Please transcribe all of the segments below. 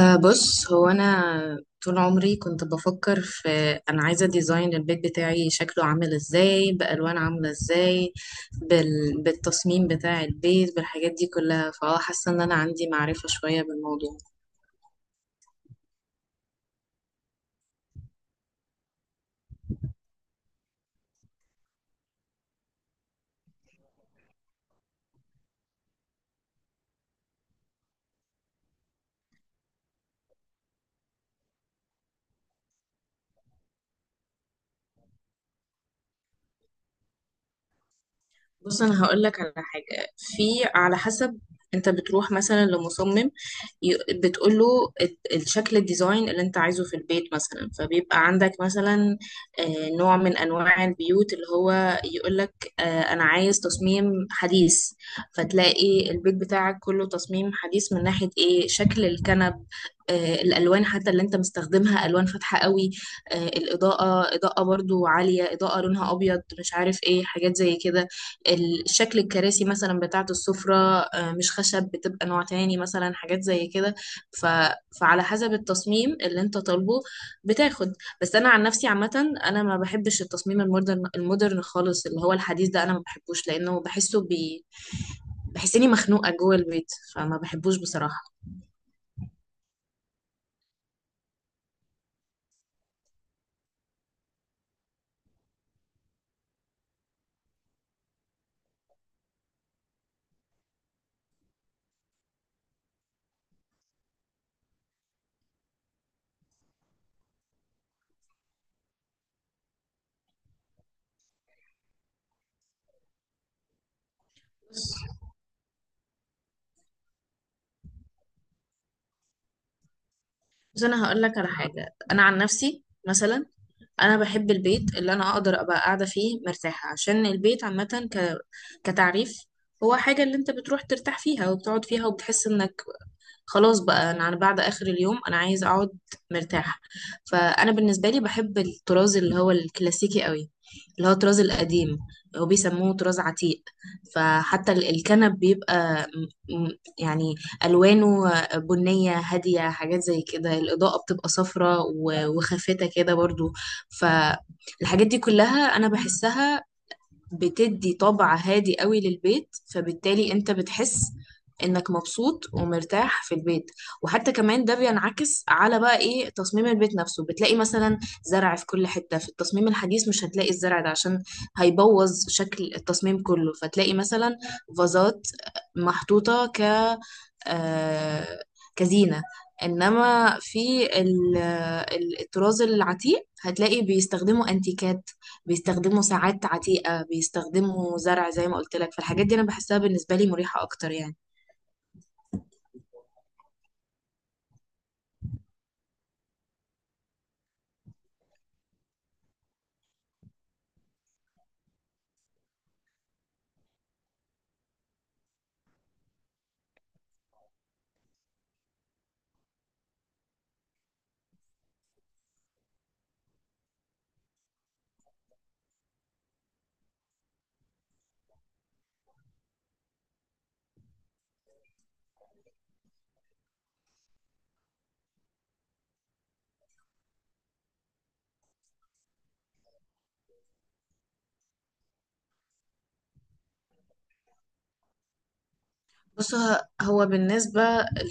أه، بص. هو أنا طول عمري كنت بفكر في أنا عايزة ديزاين البيت بتاعي شكله عامل إزاي، بألوان عاملة إزاي، بالتصميم بتاع البيت، بالحاجات دي كلها. فأه، حاسة إن أنا عندي معرفة شوية بالموضوع. بص، انا هقول لك على حاجه، في على حسب. انت بتروح مثلا لمصمم، بتقول له الشكل الديزاين اللي انت عايزه في البيت، مثلا. فبيبقى عندك مثلا آه، نوع من انواع البيوت اللي هو يقول لك انا عايز تصميم حديث، فتلاقي البيت بتاعك كله تصميم حديث، من ناحيه ايه، شكل الكنب آه، الالوان حتى اللي انت مستخدمها الوان فاتحه قوي، آه، الاضاءه اضاءه برضو عاليه، اضاءه لونها ابيض، مش عارف ايه حاجات زي كده. شكل الكراسي مثلا بتاعة السفرة آه، مش خشب، بتبقى نوع تاني مثلا، حاجات زي كده. ف... فعلى حسب التصميم اللي انت طالبه بتاخد. بس انا عن نفسي عامة انا ما بحبش التصميم المودرن، المودرن خالص اللي هو الحديث ده، انا ما بحبوش لانه بحس اني مخنوقة جوه البيت، فما بحبوش بصراحة. بس انا هقول لك على حاجة، انا عن نفسي مثلا، انا بحب البيت اللي انا اقدر ابقى قاعده فيه مرتاحه، عشان البيت عامه كتعريف هو حاجه اللي انت بتروح ترتاح فيها وبتقعد فيها وبتحس انك خلاص بقى، انا على بعد اخر اليوم انا عايز اقعد مرتاحه. فانا بالنسبه لي بحب الطراز اللي هو الكلاسيكي قوي، اللي هو الطراز القديم، هو بيسموه طراز عتيق. فحتى الكنب بيبقى م- م- يعني الوانه بنيه هاديه، حاجات زي كده. الاضاءه بتبقى صفراء وخافته كده برضو. فالحاجات دي كلها انا بحسها بتدي طبع هادي قوي للبيت، فبالتالي انت بتحس انك مبسوط ومرتاح في البيت. وحتى كمان ده بينعكس على بقى ايه، تصميم البيت نفسه. بتلاقي مثلا زرع في كل حتة، في التصميم الحديث مش هتلاقي الزرع ده عشان هيبوظ شكل التصميم كله، فتلاقي مثلا فازات محطوطة آه، كزينة. انما في الطراز العتيق هتلاقي بيستخدموا انتيكات، بيستخدموا ساعات عتيقة، بيستخدموا زرع زي ما قلت لك. فالحاجات دي انا بحسها بالنسبة لي مريحة اكتر يعني. بص هو بالنسبة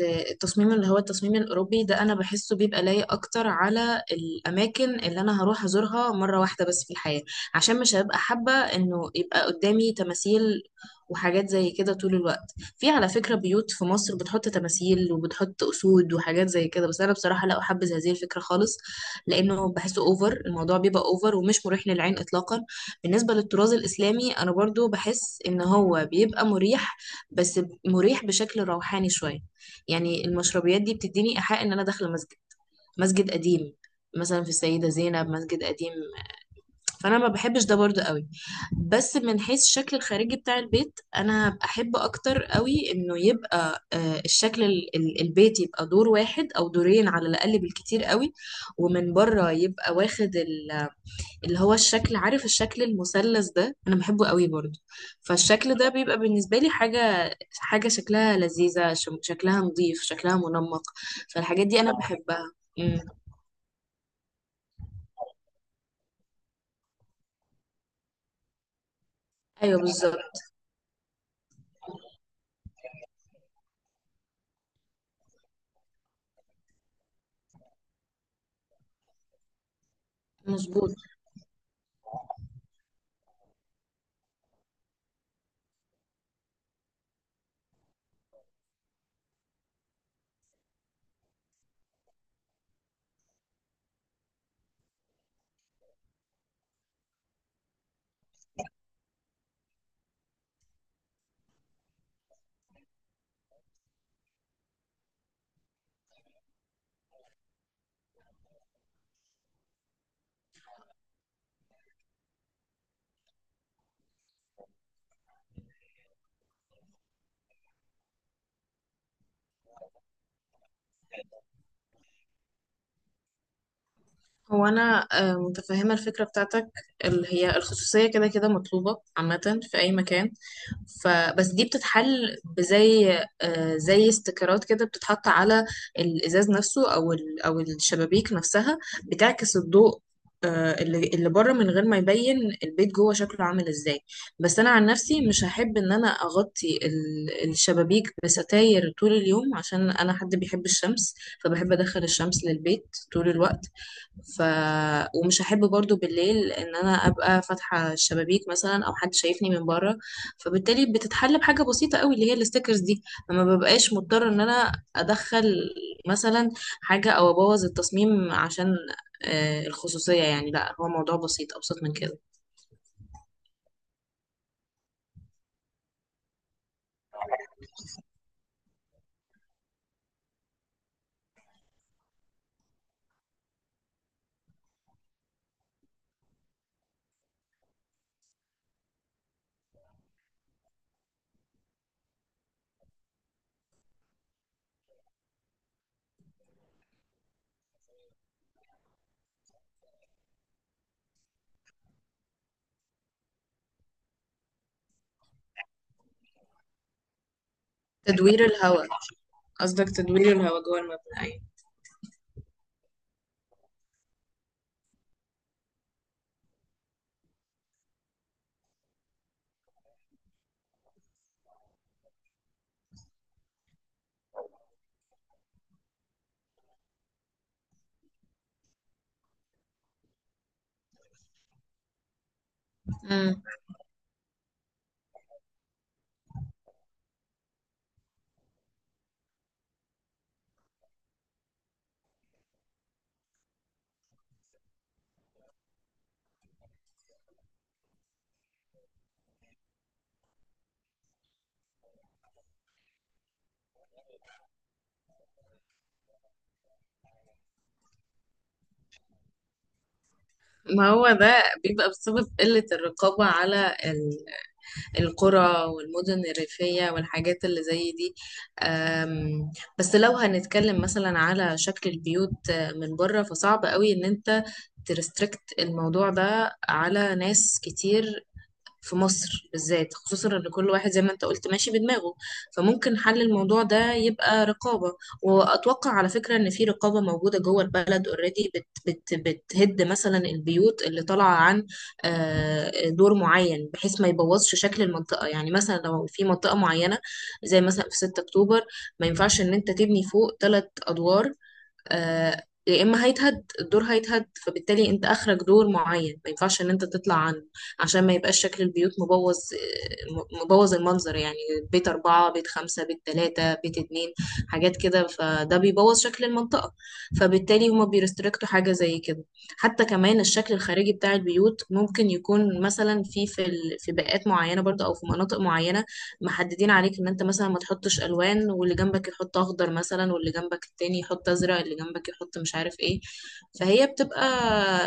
للتصميم اللي هو التصميم الأوروبي ده، أنا بحسه بيبقى لايق أكتر على الأماكن اللي أنا هروح أزورها مرة واحدة بس في الحياة، عشان مش هبقى حابة إنه يبقى قدامي تماثيل وحاجات زي كده طول الوقت. في على فكرة بيوت في مصر بتحط تماثيل، وبتحط أسود، وحاجات زي كده، بس أنا بصراحة لا أحبذ هذه الفكرة خالص، لأنه بحسه أوفر. الموضوع بيبقى أوفر ومش مريح للعين إطلاقا. بالنسبة للطراز الإسلامي أنا برضو بحس إن هو بيبقى مريح، بس مريح بشكل روحاني شوية. يعني المشربيات دي بتديني إيحاء إن أنا داخلة مسجد، مسجد قديم. مثلا في السيدة زينب مسجد قديم. فأنا ما بحبش ده برضو قوي. بس من حيث الشكل الخارجي بتاع البيت، أنا أحب أكتر قوي إنه يبقى آه، الشكل البيت يبقى دور واحد أو دورين على الأقل، بالكتير قوي. ومن بره يبقى واخد اللي هو الشكل، عارف، الشكل المثلث ده انا بحبه قوي برضو. فالشكل ده بيبقى بالنسبه لي حاجه شكلها لذيذه، شكلها نظيف، شكلها منمق. فالحاجات دي انا بحبها. امم، ايوه بالظبط، مظبوط. هو انا آه، متفهمه الفكره بتاعتك، اللي هي الخصوصيه كده كده مطلوبه عامه في اي مكان، فبس دي بتتحل بزي آه، زي استيكرات كده بتتحط على الازاز نفسه، او او الشبابيك نفسها، بتعكس الضوء آه، اللي بره من غير ما يبين البيت جوه شكله عامل ازاي. بس انا عن نفسي مش هحب ان انا اغطي الشبابيك بستاير طول اليوم، عشان انا حد بيحب الشمس، فبحب ادخل الشمس للبيت طول الوقت. ف ومش هحب برضو بالليل ان انا ابقى فاتحه الشبابيك مثلا، او حد شايفني من بره. فبالتالي بتتحل بحاجه بسيطه قوي، اللي هي الستيكرز دي. لما ببقاش مضطر ان انا ادخل مثلا حاجه او ابوظ التصميم عشان آه، الخصوصيه، يعني لا، هو موضوع بسيط، ابسط من كده. تدوير الهواء، قصدك تدوير الهواء جوه المبنى؟ أيوة. امم، ما هو ده بيبقى بسبب قلة الرقابة على القرى والمدن الريفية والحاجات اللي زي دي. أم، بس لو هنتكلم مثلا على شكل البيوت آه، من بره، فصعب قوي ان انت ترستريكت الموضوع ده على ناس كتير في مصر بالذات، خصوصا ان كل واحد زي ما انت قلت ماشي بدماغه. فممكن حل الموضوع ده يبقى رقابة. واتوقع على فكرة ان في رقابة موجودة جوه البلد اوريدي بت بت بتهد مثلا البيوت اللي طالعة عن آه، دور معين، بحيث ما يبوظش شكل المنطقة. يعني مثلا لو في منطقة معينة، زي مثلا 6 اكتوبر، ما ينفعش ان انت تبني فوق ثلاث ادوار، آه، يا اما هيتهد الدور هيتهد. فبالتالي انت اخرج دور معين ما ينفعش ان انت تطلع عنه، عشان ما يبقاش شكل البيوت مبوظ، آه، مبوظ المنظر يعني. بيت أربعة، بيت خمسة، بيت تلاتة، بيت اتنين، حاجات كده، فده بيبوظ شكل المنطقة. فبالتالي هما بيرستريكتوا حاجة زي كده. حتى كمان الشكل الخارجي بتاع البيوت ممكن يكون مثلا في في بيئات معينة برضه، او في مناطق معينة، محددين عليك ان انت مثلا ما تحطش الوان، واللي جنبك يحط اخضر مثلا، واللي جنبك التاني يحط ازرق، اللي جنبك يحط مش عارف ايه. فهي بتبقى،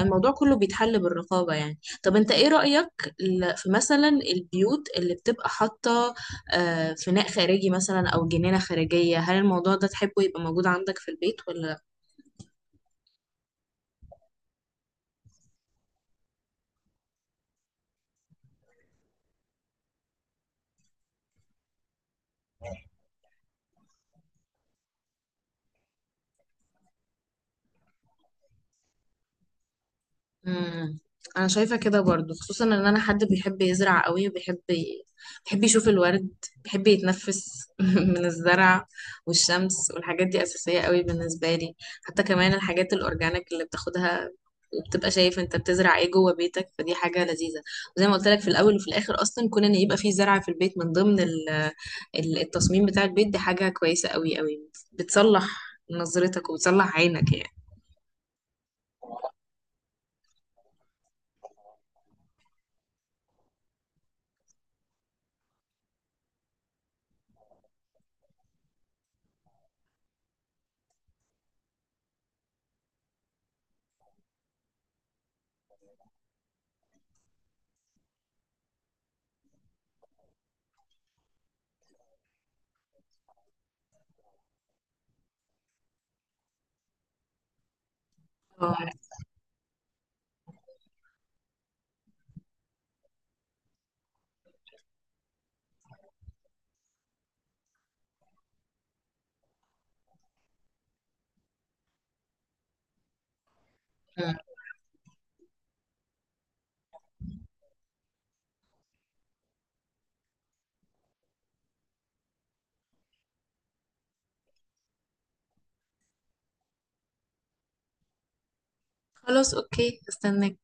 الموضوع كله بيتحل بالرقابة يعني. طب انت ايه رأيك في مثلا البيوت اللي بتبقى حاطة آه، فناء خارجي مثلا او جنينة خارجية، هل الموضوع ده تحبه يبقى موجود عندك في البيت ولا؟ امم، انا شايفه كده برضو، خصوصا ان انا حد بيحب يزرع قوي، وبيحب بيحب يشوف الورد، بيحب يتنفس من الزرع. والشمس والحاجات دي اساسيه قوي بالنسبه لي. حتى كمان الحاجات الاورجانيك اللي بتاخدها، وبتبقى شايف انت بتزرع ايه جوه بيتك، فدي حاجه لذيذه. وزي ما قلت لك، في الاول وفي الاخر، اصلا كون ان يبقى في زرع في البيت من ضمن التصميم بتاع البيت، دي حاجه كويسه قوي قوي، بتصلح نظرتك وبتصلح عينك يعني. آه. خلاص اوكي، استنى.